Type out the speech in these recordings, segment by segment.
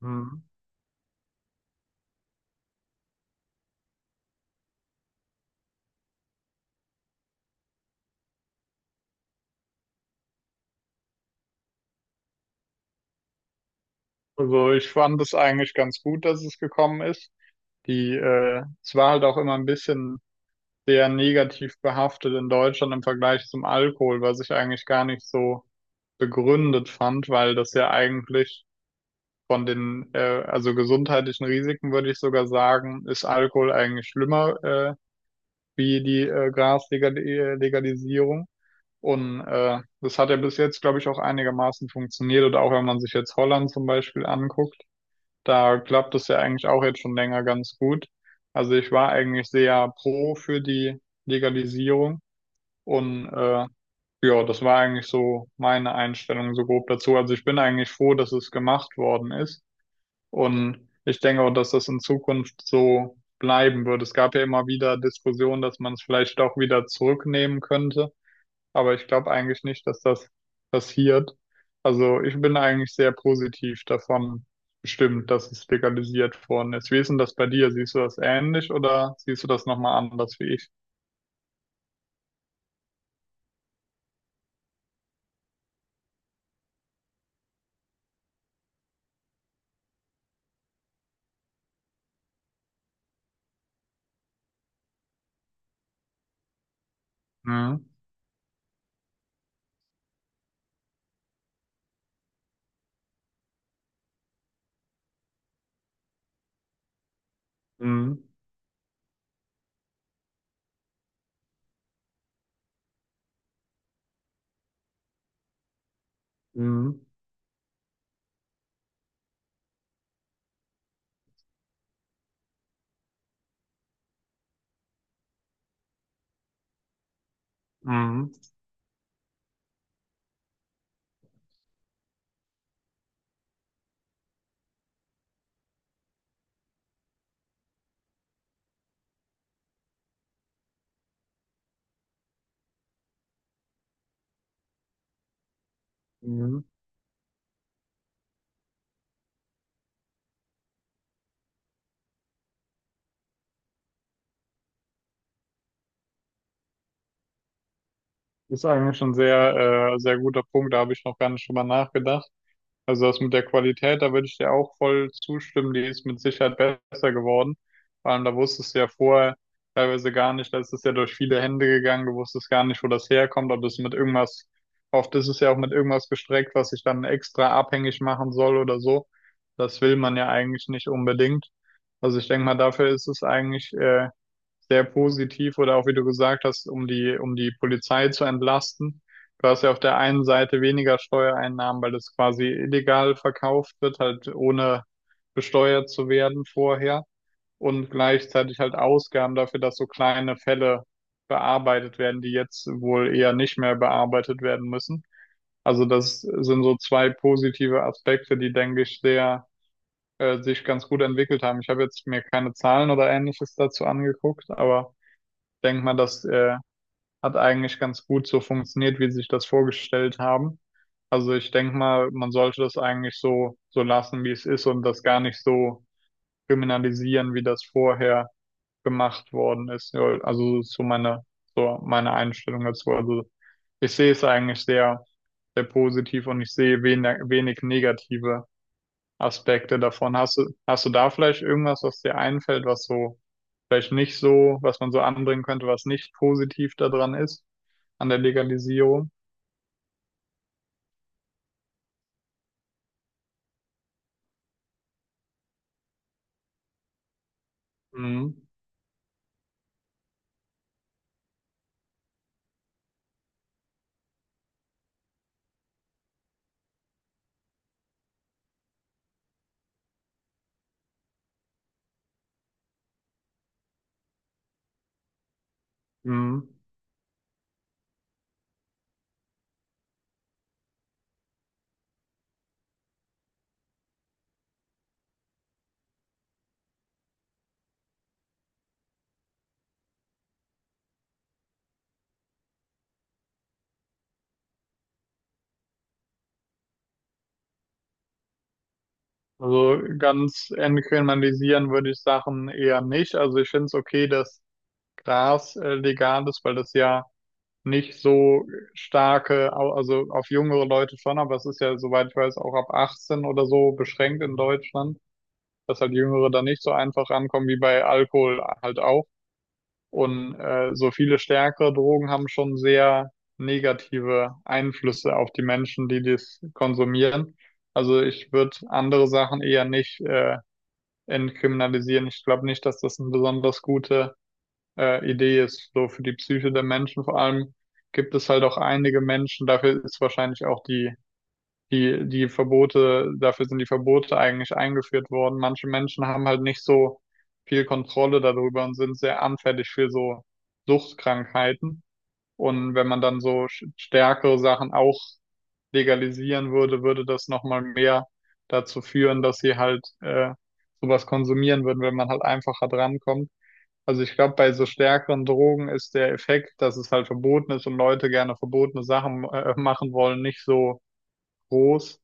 Mhm. Also ich fand es eigentlich ganz gut, dass es gekommen ist. Es war halt auch immer ein bisschen sehr negativ behaftet in Deutschland im Vergleich zum Alkohol, was ich eigentlich gar nicht so begründet fand, weil das ja eigentlich also gesundheitlichen Risiken, würde ich sogar sagen, ist Alkohol eigentlich schlimmer, wie die Graslegalisierung. Und das hat ja bis jetzt, glaube ich, auch einigermaßen funktioniert. Oder auch wenn man sich jetzt Holland zum Beispiel anguckt. Da klappt es ja eigentlich auch jetzt schon länger ganz gut. Also ich war eigentlich sehr pro für die Legalisierung und ja, das war eigentlich so meine Einstellung so grob dazu. Also ich bin eigentlich froh, dass es gemacht worden ist, und ich denke auch, dass das in Zukunft so bleiben wird. Es gab ja immer wieder Diskussionen, dass man es vielleicht auch wieder zurücknehmen könnte, aber ich glaube eigentlich nicht, dass das passiert. Also ich bin eigentlich sehr positiv davon bestimmt, dass es legalisiert worden ist. Wie ist denn das bei dir? Siehst du das ähnlich oder siehst du das nochmal anders wie ich? Mhm. Mhm. Mhm. Mhm. Mhm. Ist eigentlich ein sehr guter Punkt, da habe ich noch gar nicht drüber nachgedacht. Also das mit der Qualität, da würde ich dir auch voll zustimmen, die ist mit Sicherheit besser geworden. Vor allem, da wusstest du ja vorher teilweise gar nicht, da ist es ja durch viele Hände gegangen, du wusstest gar nicht, wo das herkommt, ob das mit irgendwas, oft ist es ja auch mit irgendwas gestreckt, was sich dann extra abhängig machen soll oder so. Das will man ja eigentlich nicht unbedingt. Also ich denke mal, dafür ist es eigentlich sehr positiv, oder auch wie du gesagt hast, um die Polizei zu entlasten. Du hast ja auf der einen Seite weniger Steuereinnahmen, weil das quasi illegal verkauft wird, halt ohne besteuert zu werden vorher, und gleichzeitig halt Ausgaben dafür, dass so kleine Fälle bearbeitet werden, die jetzt wohl eher nicht mehr bearbeitet werden müssen. Also das sind so zwei positive Aspekte, die, denke ich, sehr sich ganz gut entwickelt haben. Ich habe jetzt mir keine Zahlen oder ähnliches dazu angeguckt, aber denke mal, das hat eigentlich ganz gut so funktioniert, wie sie sich das vorgestellt haben. Also ich denke mal, man sollte das eigentlich so lassen, wie es ist, und das gar nicht so kriminalisieren, wie das vorher gemacht worden ist. Ja. Also meine Einstellung dazu. Also ich sehe es eigentlich sehr positiv, und ich sehe wenig negative Aspekte davon. Hast du da vielleicht irgendwas, was dir einfällt, was so vielleicht nicht so, was man so anbringen könnte, was nicht positiv daran ist, an der Legalisierung? Mhm. Mhm. Also ganz entkriminalisieren würde ich Sachen eher nicht. Also ich finde es okay, dass Gras legal ist, weil das ja nicht so starke, also auf jüngere Leute schon, aber es ist ja, soweit ich weiß, auch ab 18 oder so beschränkt in Deutschland, dass halt Jüngere da nicht so einfach rankommen wie bei Alkohol halt auch. Und so viele stärkere Drogen haben schon sehr negative Einflüsse auf die Menschen, die dies konsumieren. Also ich würde andere Sachen eher nicht entkriminalisieren. Ich glaube nicht, dass das eine besonders gute Idee ist, so für die Psyche der Menschen. Vor allem gibt es halt auch einige Menschen, dafür ist wahrscheinlich auch die Verbote, dafür sind die Verbote eigentlich eingeführt worden. Manche Menschen haben halt nicht so viel Kontrolle darüber und sind sehr anfällig für so Suchtkrankheiten. Und wenn man dann so stärkere Sachen auch legalisieren würde, würde das nochmal mehr dazu führen, dass sie halt sowas konsumieren würden, wenn man halt einfacher drankommt. Also ich glaube, bei so stärkeren Drogen ist der Effekt, dass es halt verboten ist und Leute gerne verbotene Sachen machen wollen, nicht so groß,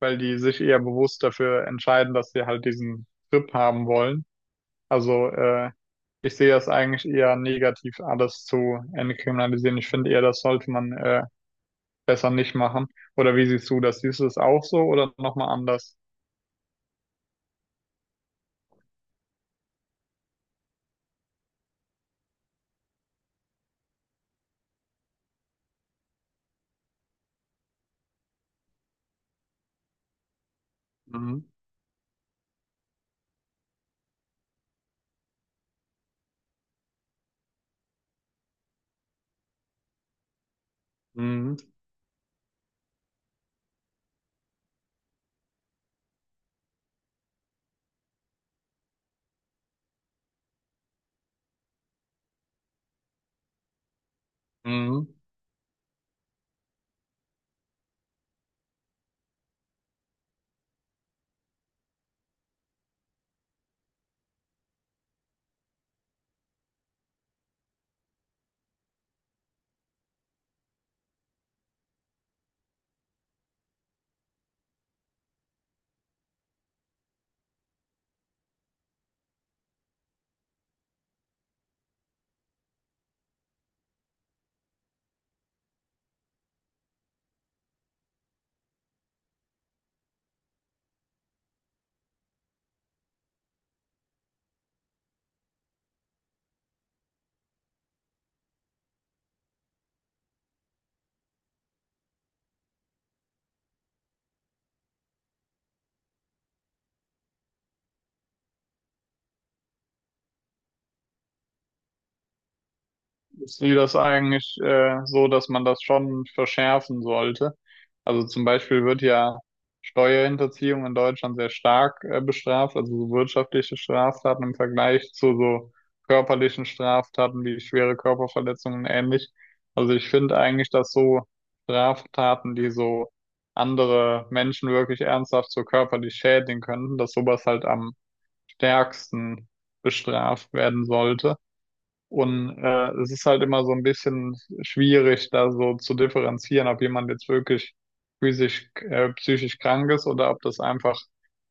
weil die sich eher bewusst dafür entscheiden, dass sie halt diesen Trip haben wollen. Also äh, Ich sehe das eigentlich eher negativ, alles zu entkriminalisieren. Ich finde eher, das sollte man besser nicht machen. Oder wie siehst du das? Siehst du es auch so oder nochmal anders? Mhm. Mhm. Mhm. Ich sehe das eigentlich so, dass man das schon verschärfen sollte. Also zum Beispiel wird ja Steuerhinterziehung in Deutschland sehr stark bestraft, also so wirtschaftliche Straftaten im Vergleich zu so körperlichen Straftaten wie schwere Körperverletzungen und ähnlich. Also ich finde eigentlich, dass so Straftaten, die so andere Menschen wirklich ernsthaft so körperlich schädigen könnten, dass sowas halt am stärksten bestraft werden sollte. Und es ist halt immer so ein bisschen schwierig, da so zu differenzieren, ob jemand jetzt wirklich psychisch krank ist oder ob das einfach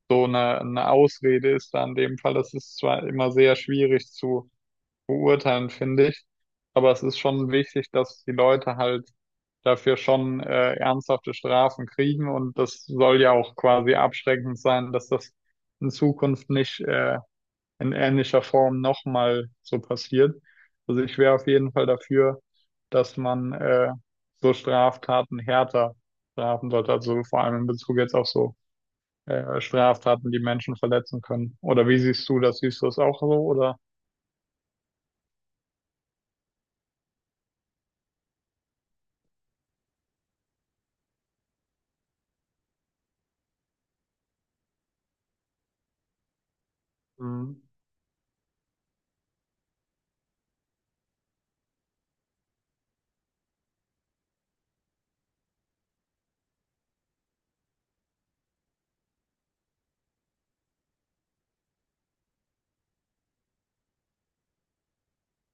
so eine Ausrede ist. Da in dem Fall, das ist zwar immer sehr schwierig zu beurteilen, finde ich, aber es ist schon wichtig, dass die Leute halt dafür schon ernsthafte Strafen kriegen, und das soll ja auch quasi abschreckend sein, dass das in Zukunft nicht in ähnlicher Form nochmal so passiert. Also ich wäre auf jeden Fall dafür, dass man so Straftaten härter strafen sollte. Also vor allem in Bezug jetzt auf so Straftaten, die Menschen verletzen können. Oder wie siehst du das? Siehst du das auch so? Oder?